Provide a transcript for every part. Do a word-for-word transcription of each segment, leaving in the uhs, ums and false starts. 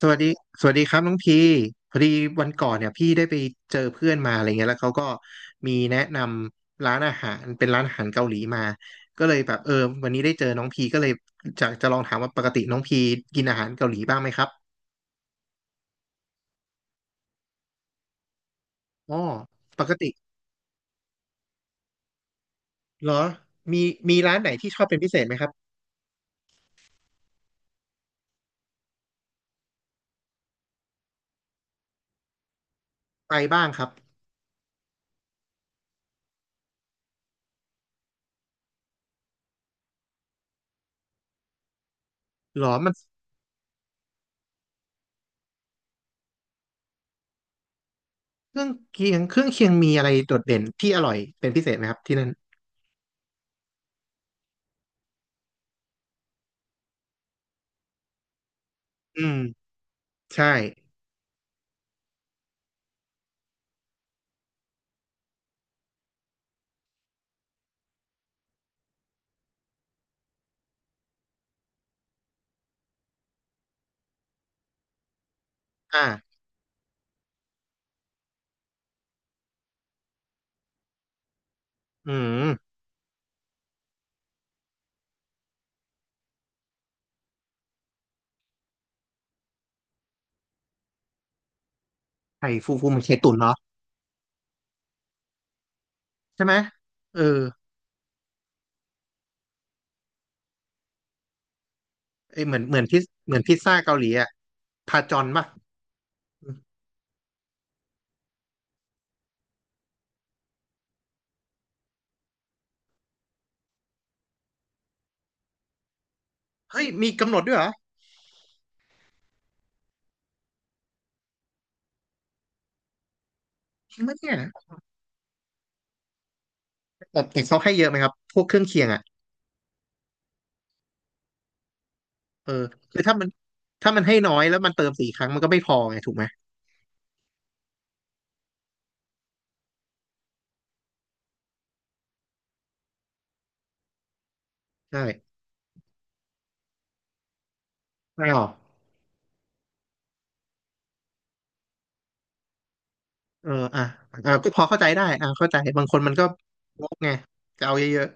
สวัสดีสวัสดีครับน้องพีพอดีวันก่อนเนี่ยพี่ได้ไปเจอเพื่อนมาอะไรเงี้ยแล้วเขาก็มีแนะนำร้านอาหารเป็นร้านอาหารเกาหลีมาก็เลยแบบเออวันนี้ได้เจอน้องพีก็เลยจะจะลองถามว่าปกติน้องพีกินอาหารเกาหลีบ้างไหมครับอ๋อปกติเหรอมีมีร้านไหนที่ชอบเป็นพิเศษไหมครับไปบ้างครับเหรอมันเครื่องเคียงเครื่องเคียงมีอะไรโดดเด่นที่อร่อยเป็นพิเศษไหมครับที่นั่นอืมใช่อ่าอืมไข่ฟูฟูมันไข่ตุ๋นเนาะ ใช่ไหมเออไอเหมือนเหมือนพิซเหมือนพิซซ่าเกาหลีอ่ะพาจอนป่ะเฮ้ยมีกำหนดด้วยเหรอจริงไหมเนี่ยแต่แต่เขาให้เยอะไหมครับพวกเครื่องเคียงอ่ะเออคือถ้ามันถ้ามันให้น้อยแล้วมันเติมสี่ครั้งมันก็ไม่พอไงถูกไหมใช่ไม่หรอเอออ่ะอ่ะก็พอเข้าใจได้อ่ะเข้าใจบางคนมันก็งกไงจะเอาเยอะ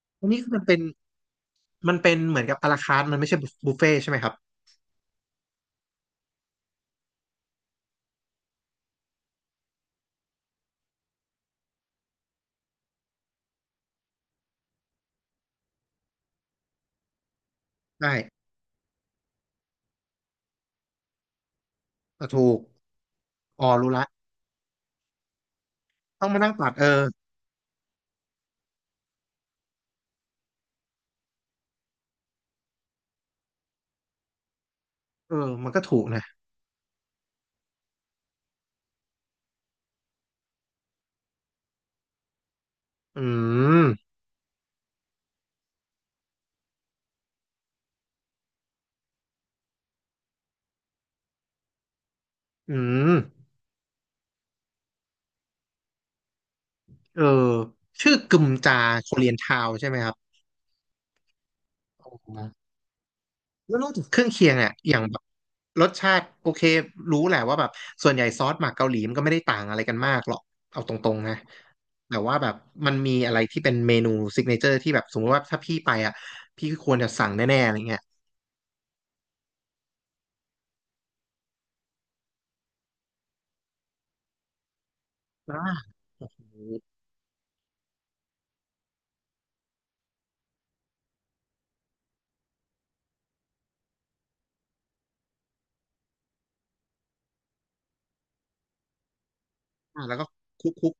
ๆอันนี้คือมันเป็นมันเป็นเหมือนกับอาราคาร์ทมันไม่ใช่บุฟเฟ่ใช่ไหมครับใช่อ่ะถูกอ๋อรู้ละต้องมานั่งตัดเออเออมันก็ถูกนะอืมอืม เออชื่อกึมจาโคเรียนทาวใช่ไหมครับผมนะแล้วนอกจากเครื่องเคียงเนี่ยอย่างแบบรสชาติโอเครู้แหละว่าแบบส่วนใหญ่ซอสหมักเกาหลีมันก็ไม่ได้ต่างอะไรกันมากหรอกเอาตรงๆนะแต่ว่าแบบมันมีอะไรที่เป็นเมนูซิกเนเจอร์ที่แบบสมมติว่าถ้าพี่ไปอ่ะพี่ควรจะสั่งแน่ๆอะไรเงี้ยอ่าอ่าแล้วก็คุกคุก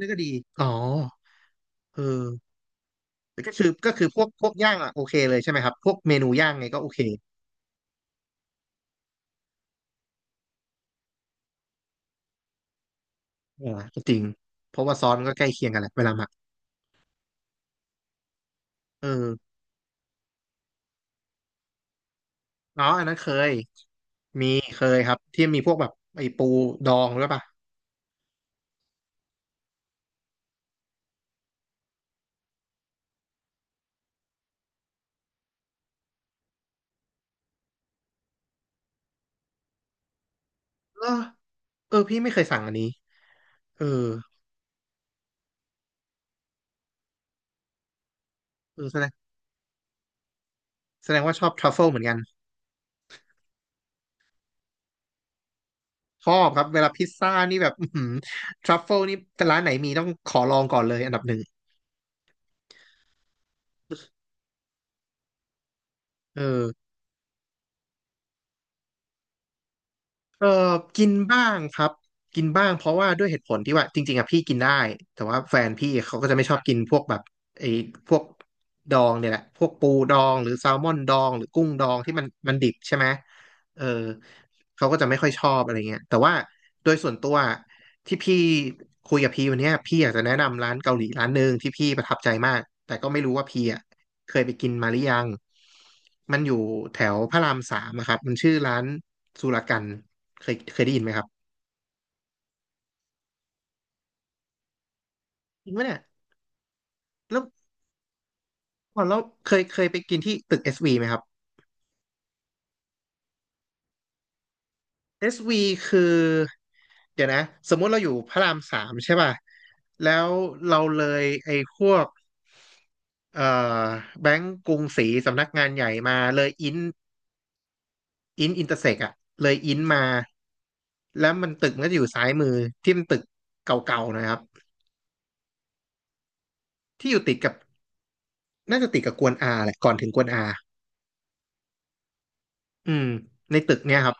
นี่ก็ดีอ๋อเออก็คือก็คือพวกพวกย่างอ่ะโอเคเลยใช่ไหมครับพวกเมนูย่างไงก็โอเคอ่าก็จริงเพราะว่าซอสมันก็ใกล้เคียงกันแหละเวลาหมัก เอออ๋ออันนั้นเคยมีเคยครับที่มีพวกแบบไอ้ปูดองด้วยป่ะเออเออพี่ไม่เคยสั่งอันนี้เออเออแสดงแสดงว่าชอบทรัฟเฟิลเหมือนกันชอบครับเวลาพิซซ่านี่แบบอื้อหือทรัฟเฟิลนี่ร้านไหนมีต้องขอลองก่อนเลยอันดับหนึ่งเออ เออกินบ้างครับกินบ้างเพราะว่าด้วยเหตุผลที่ว่าจริงๆอะพี่กินได้แต่ว่าแฟนพี่เขาก็จะไม่ชอบกินพวกแบบไอ้พวกดองเนี่ยแหละพวกปูดองหรือแซลมอนดองหรือกุ้งดองที่มันมันดิบใช่ไหมเออเขาก็จะไม่ค่อยชอบอะไรเงี้ยแต่ว่าโดยส่วนตัวที่พี่คุยกับพี่วันเนี้ยพี่อยากจะแนะนำร้านเกาหลีร้านหนึ่งที่พี่ประทับใจมากแต่ก็ไม่รู้ว่าพี่อะ เคยไปกินมาหรือยังมันอยู่แถวพระรามสามอะครับมันชื่อร้านสุรกันเคยเคยได้ยินไหมครับจริงปะเนี่ยแล้วก่อนเราเคยเคยไปกินที่ตึก เอส วี ไหมครับ เอส วี คือเดี๋ยวนะสมมุติเราอยู่พระรามสามใช่ป่ะแล้วเราเลยไอ้พวกเอ่อแบงก์กรุงศรีสำนักงานใหญ่มาเลยอินอินอินเตอร์เซกอะเลยอินมาแล้วมันตึกมันก็จะอยู่ซ้ายมือที่มันตึกเก่าๆหนะครับ ที่อยู่ติดกับน่าจะติดกับกวนอาแหละก่อนถึงกวนอาอืมในตึกเนี่ยครับ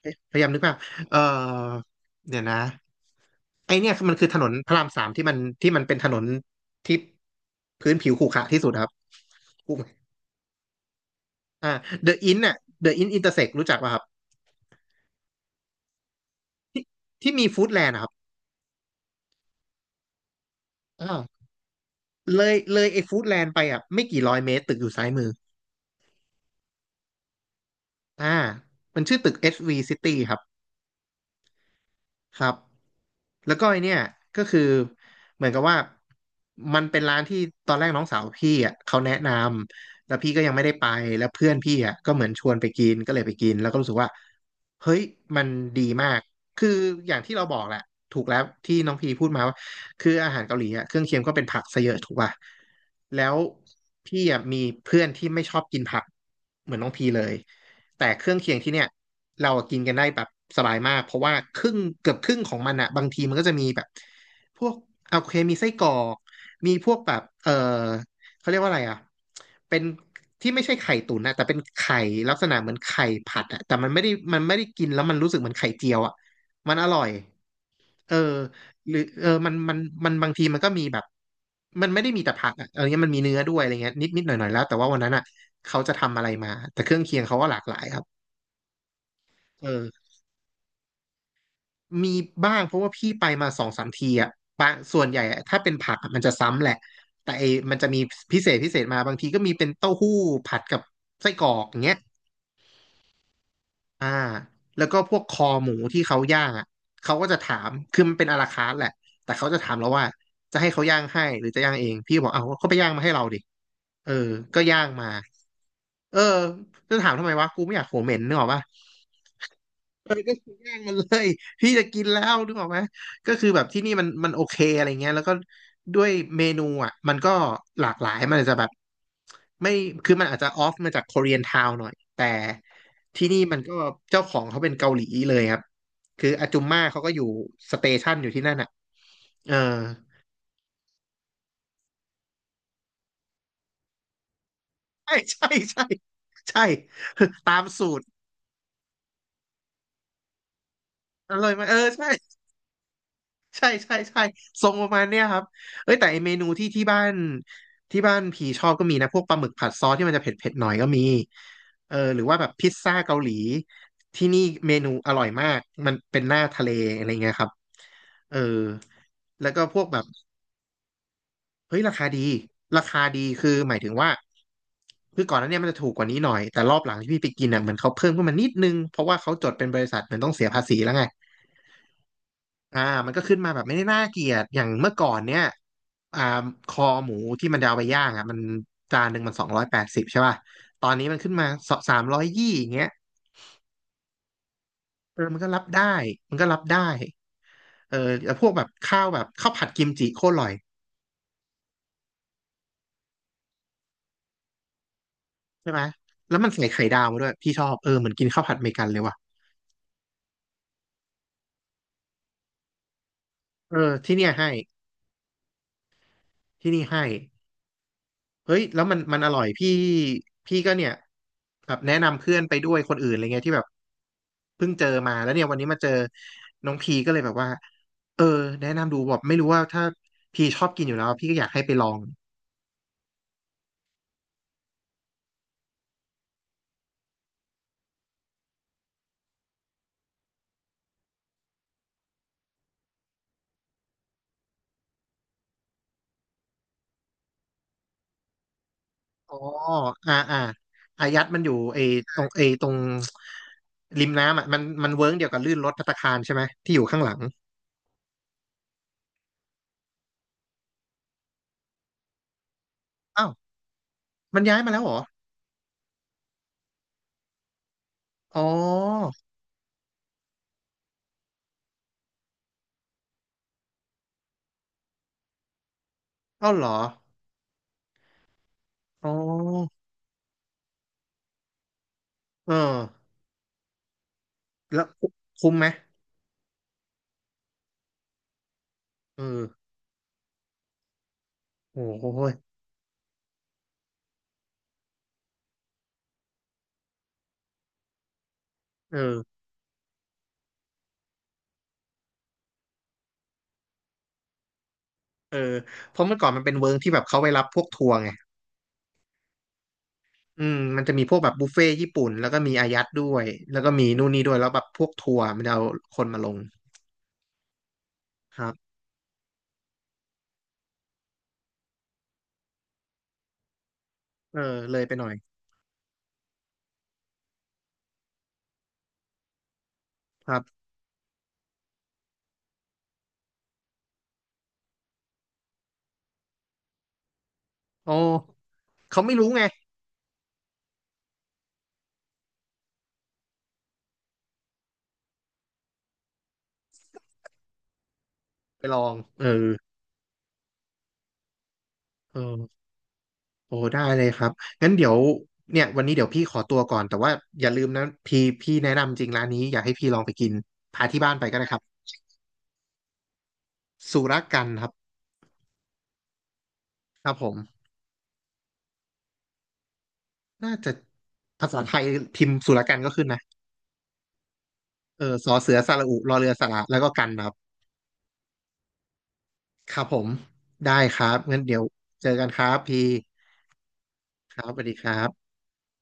เอ๊ะพยายามนึกภาพเออเดี๋ยวนะไอเนี่ยมันคือถนนพระรามสามที่มันที่มันเป็นถนนที่พื้นผิวขรุขระที่สุดครับถูกไหมอ่าเดอะอินน่ะเดอะอินอินเตอร์เซกรู้จักป่ะครับที่ที่มีฟู้ดแลนด์อะครับอ่าเลยเลยไอฟู้ดแลนด์ไปอ่ะไม่กี่ร้อยเมตรตึกอยู่ซ้ายมืออ่ามันชื่อตึก เอส วี City ครับ ครับแล้วก็ไอเนี่ยก็คือเหมือนกับว่ามันเป็นร้านที่ตอนแรกน้องสาวพี่อ่ะเขาแนะนำแล้วพี่ก็ยังไม่ได้ไปแล้วเพื่อนพี่อ่ะก็เหมือนชวนไปกินก็เลยไปกินแล้วก็รู้สึกว่าเฮ้ยมันดีมากคืออย่างที่เราบอกแหละถูกแล้วที่น้องพีพูดมาว่า คืออาหารเกาหลีอ่ะเครื่องเคียงก็เป็นผักซะเยอะถูกป่ะแล้วพี่อ่ะมีเพื่อนที่ไม่ชอบกินผักเหมือนน้องพีเลยแต่เครื่องเคียงที่เนี่ยเรากินกันได้แบบสบายมากเพราะว่าครึ่งเกือบครึ่งของมันอ่ะบางทีมันก็จะมีแบบพวกโอเคมีไส้กรอกมีพวกแบบเออเขาเรียกว่าอะไรอ่ะเป็นที่ไม่ใช่ไข่ตุ๋นนะแต่เป็นไข่ลักษณะเหมือนไข่ผัดอะแต่มันไม่ได้มันไม่ได้กินแล้วมันรู้สึกเหมือนไข่เจียวอะมันอร่อยเออ หรือเออมันมันมันบางทีมันก็มีแบบมันไม่ได้มีแต่ผักอะเออเนี้ยมันมีเนื้อด้วยอะไรเงี้ยนิดนิดหน่อยหน่อยแล้วแต่ว่าวันนั้นอ่ะเขาจะทำอะไรมาแต่เครื่องเคียงเขาก็หลากหลายครับเออมีบ้างเพราะว่าพี่ไปมาสองสามทีอ่ะปะส่วนใหญ่อะถ้าเป็นผักอะมันจะซ้ำแหละแต่ไอ้มันจะมีพิเศษพิเศษมาบางทีก็มีเป็นเต้าหู้ผัดกับไส้กรอกอย่างเงี้ย อ่าแล้วก็พวกคอหมูที่เขาย่างอ่ะเขาก็จะถามคือมันเป็นอาราคาร์ทแหละแต่เขาจะถามเราว่าจะให้เขาย่างให้หรือจะย่างเองพี่บอกเอาเขาไปย่างมาให้เราดิเออก็ย่างมาเออจะถามทำไมวะกูไม่อยากโหเหม็นนึกออกปะ เออก็คือย่างมันเลย พี่จะกินแล้วนึกออกไหมก็คือแบบที่นี่มันมันโอเคอะไรเงี้ยแล้วก็ด้วยเมนูอ่ะมันก็หลากหลายมันอาจจะแบบไม่คือมันอาจจะออฟมาจากค o เรียนทาวหน่อยแต่ที่นี่มันก็เจ้าของเขาเป็นเกาหลีเลยครับคืออาจุมม่าเขาก็อยู่สเตชันอยู่ที่นั่นอ่ะเออใช่ ใช่ใช่ใช่ตามสูตรอร่อยไหมเออใช่ ใช่ใช่ใช่ทรงประมาณเนี้ยครับเอ้ยแต่ไอเมนูที่ที่บ้านที่บ้านพี่ชอบก็มีนะพวกปลาหมึกผัดซอสที่มันจะเผ็ดเผ็ดหน่อยก็มีเออหรือว่าแบบพิซซ่าเกาหลีที่นี่เมนูอร่อยมากมันเป็นหน้าทะเลอะไรเงี้ยครับเออแล้วก็พวกแบบเฮ้ยราคาดีราคาดีคือหมายถึงว่าคือก่อนหน้าเนี้มันจะถูกกว่านี้หน่อยแต่รอบหลังที่พี่ไปกินอ่ะเหมือนเขาเพิ่มขึ้นมานิดนึงเพราะว่าเขาจดเป็นบริษัทเหมือนต้องเสียภาษีแล้วไง อ่ามันก็ขึ้นมาแบบไม่ได้น่าเกลียดอย่างเมื่อก่อนเนี่ยอ่าคอหมูที่มันจะเอาไปย่างอ่ะมันจานหนึ่งมันสองร้อยแปดสิบใช่ป่ะตอนนี้มันขึ้นมาสามร้อยยี่อย่างเงี้ยเออมันก็รับได้มันก็รับได้เออแล้วพวกแบบข้าวแบบข้าวผัดกิมจิโคตรอร่อยใช่ไหมแล้วมันใส่ไข่ดาวมาด้วยพี่ชอบเออเหมือนกินข้าวผัดอเมริกันเลยว่ะเออที่เนี่ยให้ที่นี่ให้ เฮ้ยแล้วมันมันอร่อยพี่พี่ก็เนี่ยแบบแนะนำเพื่อนไปด้วยคนอื่นอะไรเงี้ยที่แบบเพิ่งเจอมาแล้วเนี่ยวันนี้มาเจอน้องพีก็เลยแบบว่าเออแนะนำดูแบบไม่รู้ว่าถ้าพีชอบกินอยู่แล้วพี่ก็อยากให้ไปลองอ๋ออ่าอ่าอายัดมันอยู่ไอ้ตรงไอ้ตรงริมน้ำอ่ะมันมันเวิ้งเดียวกับลื่นรถภัตตาคารใช่ไหมที่อยู่ข้างหลังอ้าวมันย้ายมาแล้วเหรออ๋อเอ้าเหรออ๋อเออแล้วคุ้มไหมเออโอ้โห เออเออเพราะเมื่อก่อนมันเป็นเวิร์กที่แบบเขาไปรับพวกทัวร์ไงอืมมันจะมีพวกแบบบุฟเฟ่ต์ญี่ปุ่นแล้วก็มีอายัดด้วย แล้วก็มีนู่นนี่ด้วยแล้วแบบพวกทัวร์มันจะเอาคนมาลงครับเออเลยไปหน่อยครับโอ้เขาไม่รู้ไงไปลองเออเออโอ้ได้เลยครับงั้นเดี๋ยวเนี่ยวันนี้เดี๋ยวพี่ขอตัวก่อนแต่ว่าอย่าลืมนะพี่พี่แนะนำจริงร้านนี้อยากให้พี่ลองไปกินพาที่บ้านไปก็ได้ครับสุรกันครับครับผมน่าจะภาษาไทยพิมพ์สุรกันก็ขึ้นนะ เออสอเสือสระอุรอเรือสระแล้วก็กันครับครับผมได้ครับงั้นเดี๋ยวเจอกันครับพี่ครับสวัสดีครับ